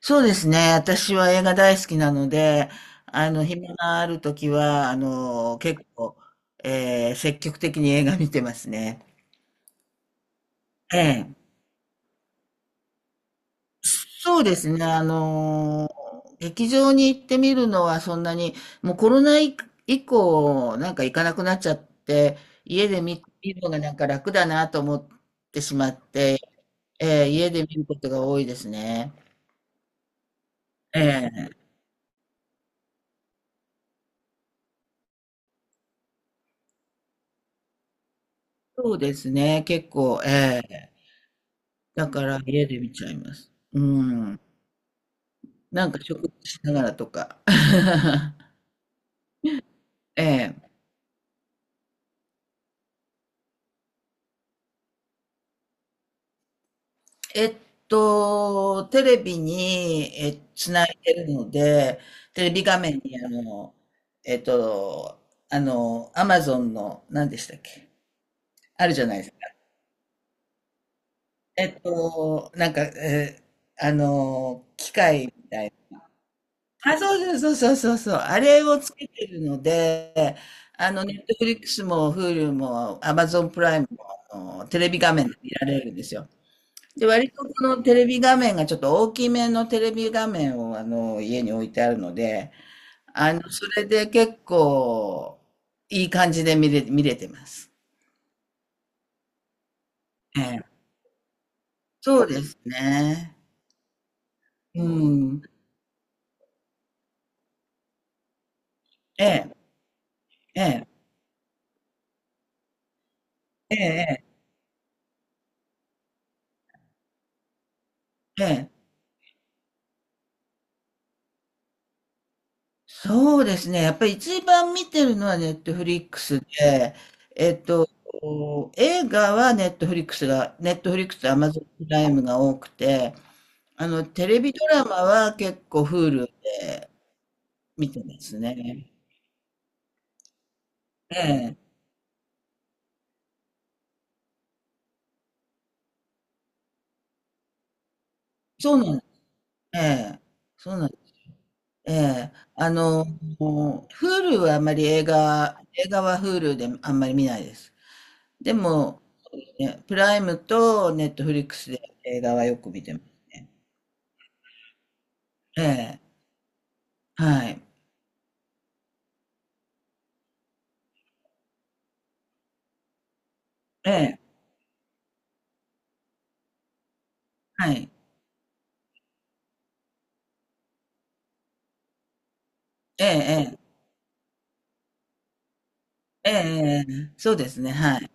そうですね。私は映画大好きなので、暇があるときは、結構、積極的に映画見てますね。ええ。そうですね。劇場に行ってみるのはそんなに、もうコロナ以降、なんか行かなくなっちゃって、家で見るのがなんか楽だなと思ってしまって、ええ、家で見ることが多いですね。ええ。そうですね。結構、ええ。だから家で見ちゃいます。うん。なんか食事しながらとか。ええ。えっテレビに、つないでるので、テレビ画面にえっと、アマゾンの、何でしたっけ？あるじゃないですか。なんか、機械みたい。あ、そうそうそうそうそうそう。あれをつけてるので、ネットフリックスも、Hulu も、Amazon プライムも、あのテレビ画面で見られるんですよ。で、割とこのテレビ画面がちょっと大きめのテレビ画面を、家に置いてあるので、それで結構、いい感じで見れてます。ええ。そうですね。うん。ええ、ええ、ええ、ええ。ええ、そうですね、やっぱり一番見てるのはネットフリックスで、えっと、映画はネットフリックスがネットフリックスと Amazon プライムが多くて、テレビドラマは結構 Hulu で見てますね。ええ、そうなんええ、そうなんええ、Hulu はあまり映画は Hulu であんまり見ないです。でも、ね、プライムとネットフリックスで映画はよく見てます。ええ、はい。ええ、はい。ええ、ええ、ええ、ええ、そうですね、はい。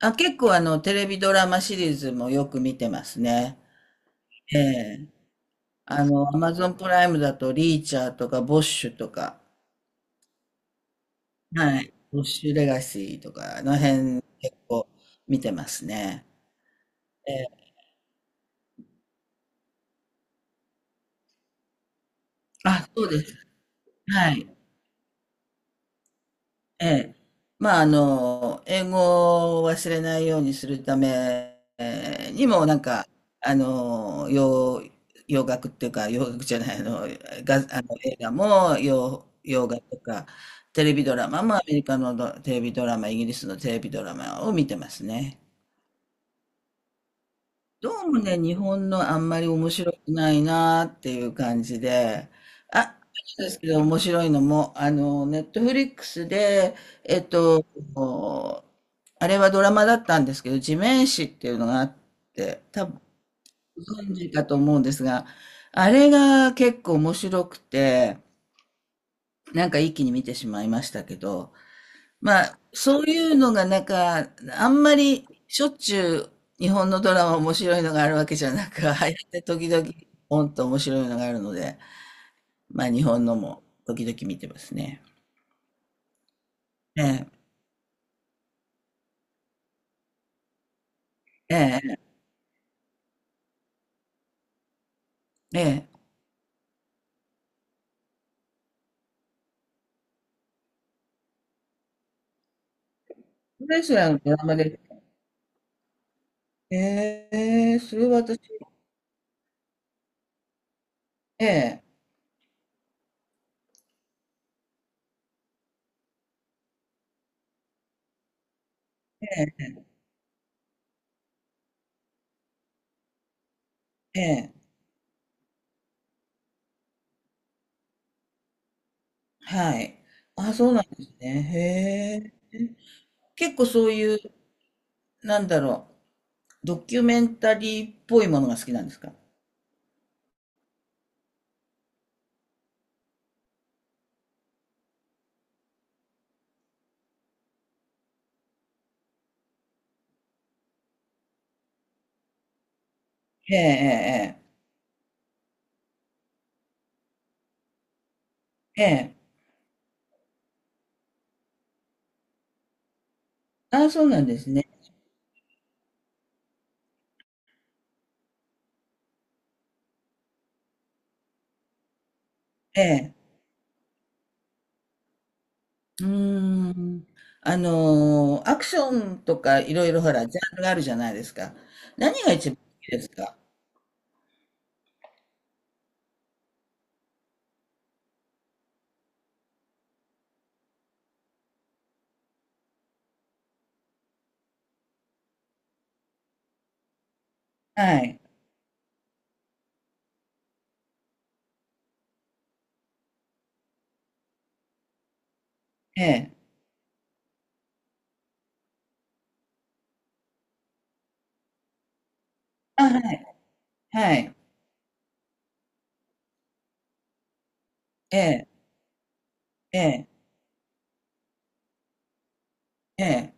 あ、結構テレビドラマシリーズもよく見てますね。ええ。アマゾンプライムだと、リーチャーとか、ボッシュとか、はい。ボッシュレガシーとか、あの辺結構見てますね。ええ。あ、そうです。はい。ええ。まあ、英語を忘れないようにするためにも、なんか、あの、洋、洋楽っていうか、洋楽じゃない、あの、が、あの映画も洋楽とか、テレビドラマもアメリカのテレビドラマ、イギリスのテレビドラマを見てますね。どうもね、日本のあんまり面白くないなーっていう感じで、あ、そうですけど面白いのも、ネットフリックスで、えっと、あれはドラマだったんですけど、地面師っていうのがあって、多分ご存知かと思うんですが、あれが結構面白くて、なんか一気に見てしまいましたけど、まあ、そういうのがなんか、あんまりしょっちゅう日本のドラマ面白いのがあるわけじゃなく、入って時々、ポンと面白いのがあるので、まあ日本のも時々見てますね。ええ、ええ、ええ。プレスラーのドラマで、ええ、それは私、ええ、ええ、ええ、はい。あ、そうなんですね。へえ。結構そういう、なんだろう、ドキュメンタリーっぽいものが好きなんですか？ええ、ええ、ええ。ええ、ああ、そうなんですね。ええ。うーん。アクションとかいろいろほら、ジャンルがあるじゃないですか。何が一番好きですか？はい。ええ。あ、はい。はい。ええ。ええ。ええ。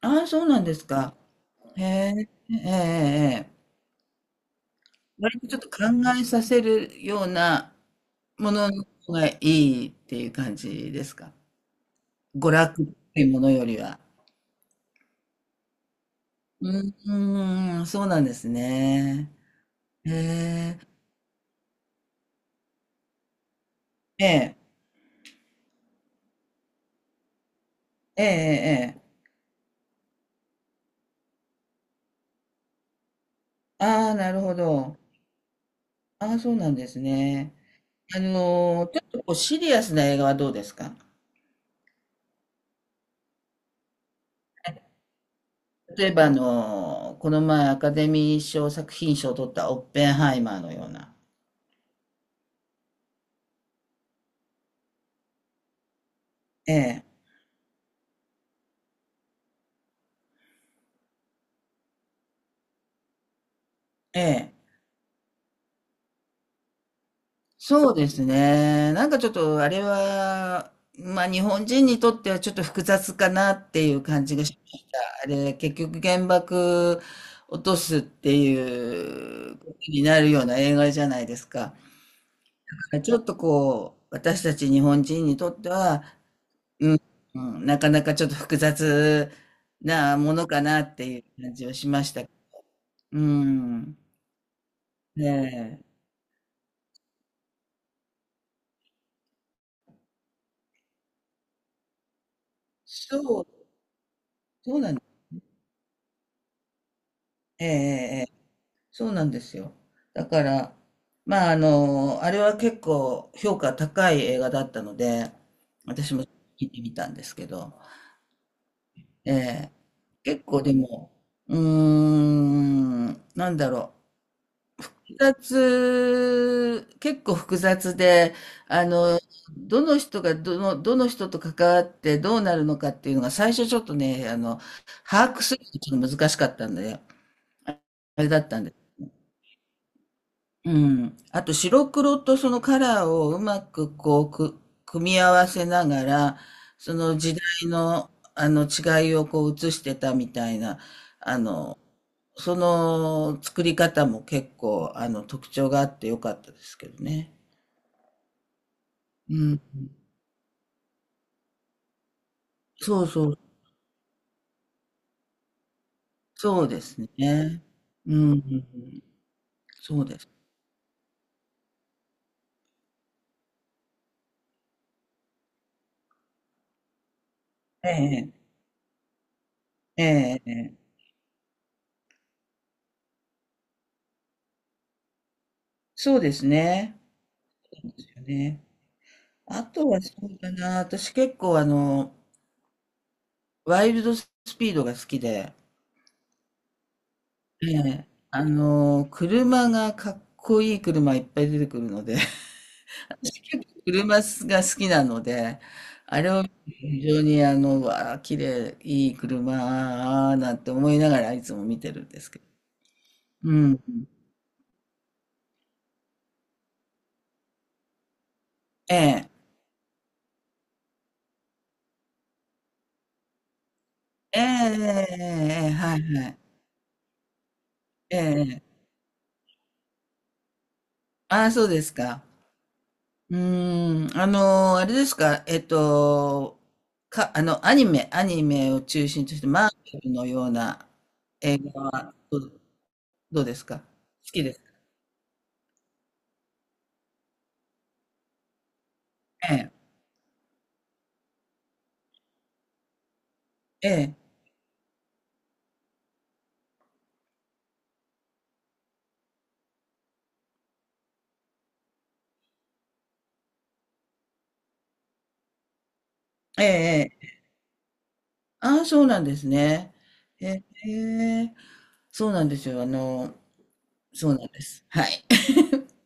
ああ、そうなんですか？へえ。ええ。ええ。ええ、割とちょっと考えさせるようなものの方がいいっていう感じですか？娯楽っていうものよりは。うーん、そうなんですね。へえ。ええ、ええええええ、ああ、なるほど。ああ、そうなんですね。ちょっとこうシリアスな映画はどうですか？例えばこの前アカデミー賞作品賞を取ったオッペンハイマーのような。ええ、ええ。そうですね。なんかちょっとあれは、まあ日本人にとってはちょっと複雑かなっていう感じがしました。あれ、結局原爆落とすっていうことになるような映画じゃないですか。ちょっとこう、私たち日本人にとっては、うん、うん、なかなかちょっと複雑なものかなっていう感じはしました。うん。ええ。そう、そうな、ええ、ええ、ええ、そうなんですよ。だから、まあ、あれは結構評価高い映画だったので、私も見てみたんですけど、ええ、結構でも、うーん、なんだろう。結構複雑で、あの、どの人がどの人と関わってどうなるのかっていうのが最初ちょっとね、把握するのがちょっと難しかったんで、あれだったんで。うん。あと白黒とそのカラーをうまく組み合わせながら、その時代のあの違いをこう映してたみたいな、あの、その作り方も結構特徴があってよかったですけどね。うん。そうそう、そうですね。うん、うん、そうです。ええ、ええ、ええ、そうですね。そうですよね。あとはそうだな、私結構ワイルドスピードが好きで、ええ、かっこいい車いっぱい出てくるので、私結構車が好きなので、あれを非常にうわあ、綺麗、いい車なんて思いながらいつも見てるんですけど。うん。ええ。ええええええええはいはい。ええええ。ああ、そうですか？うーん、あれですか？アニメを中心として、マーベルのような映画はどうですか？好きですか？ええ、ええ、ええ、ええ。ああ、そうなんですね。ええ、そうなんですよ。そうなんです。はい。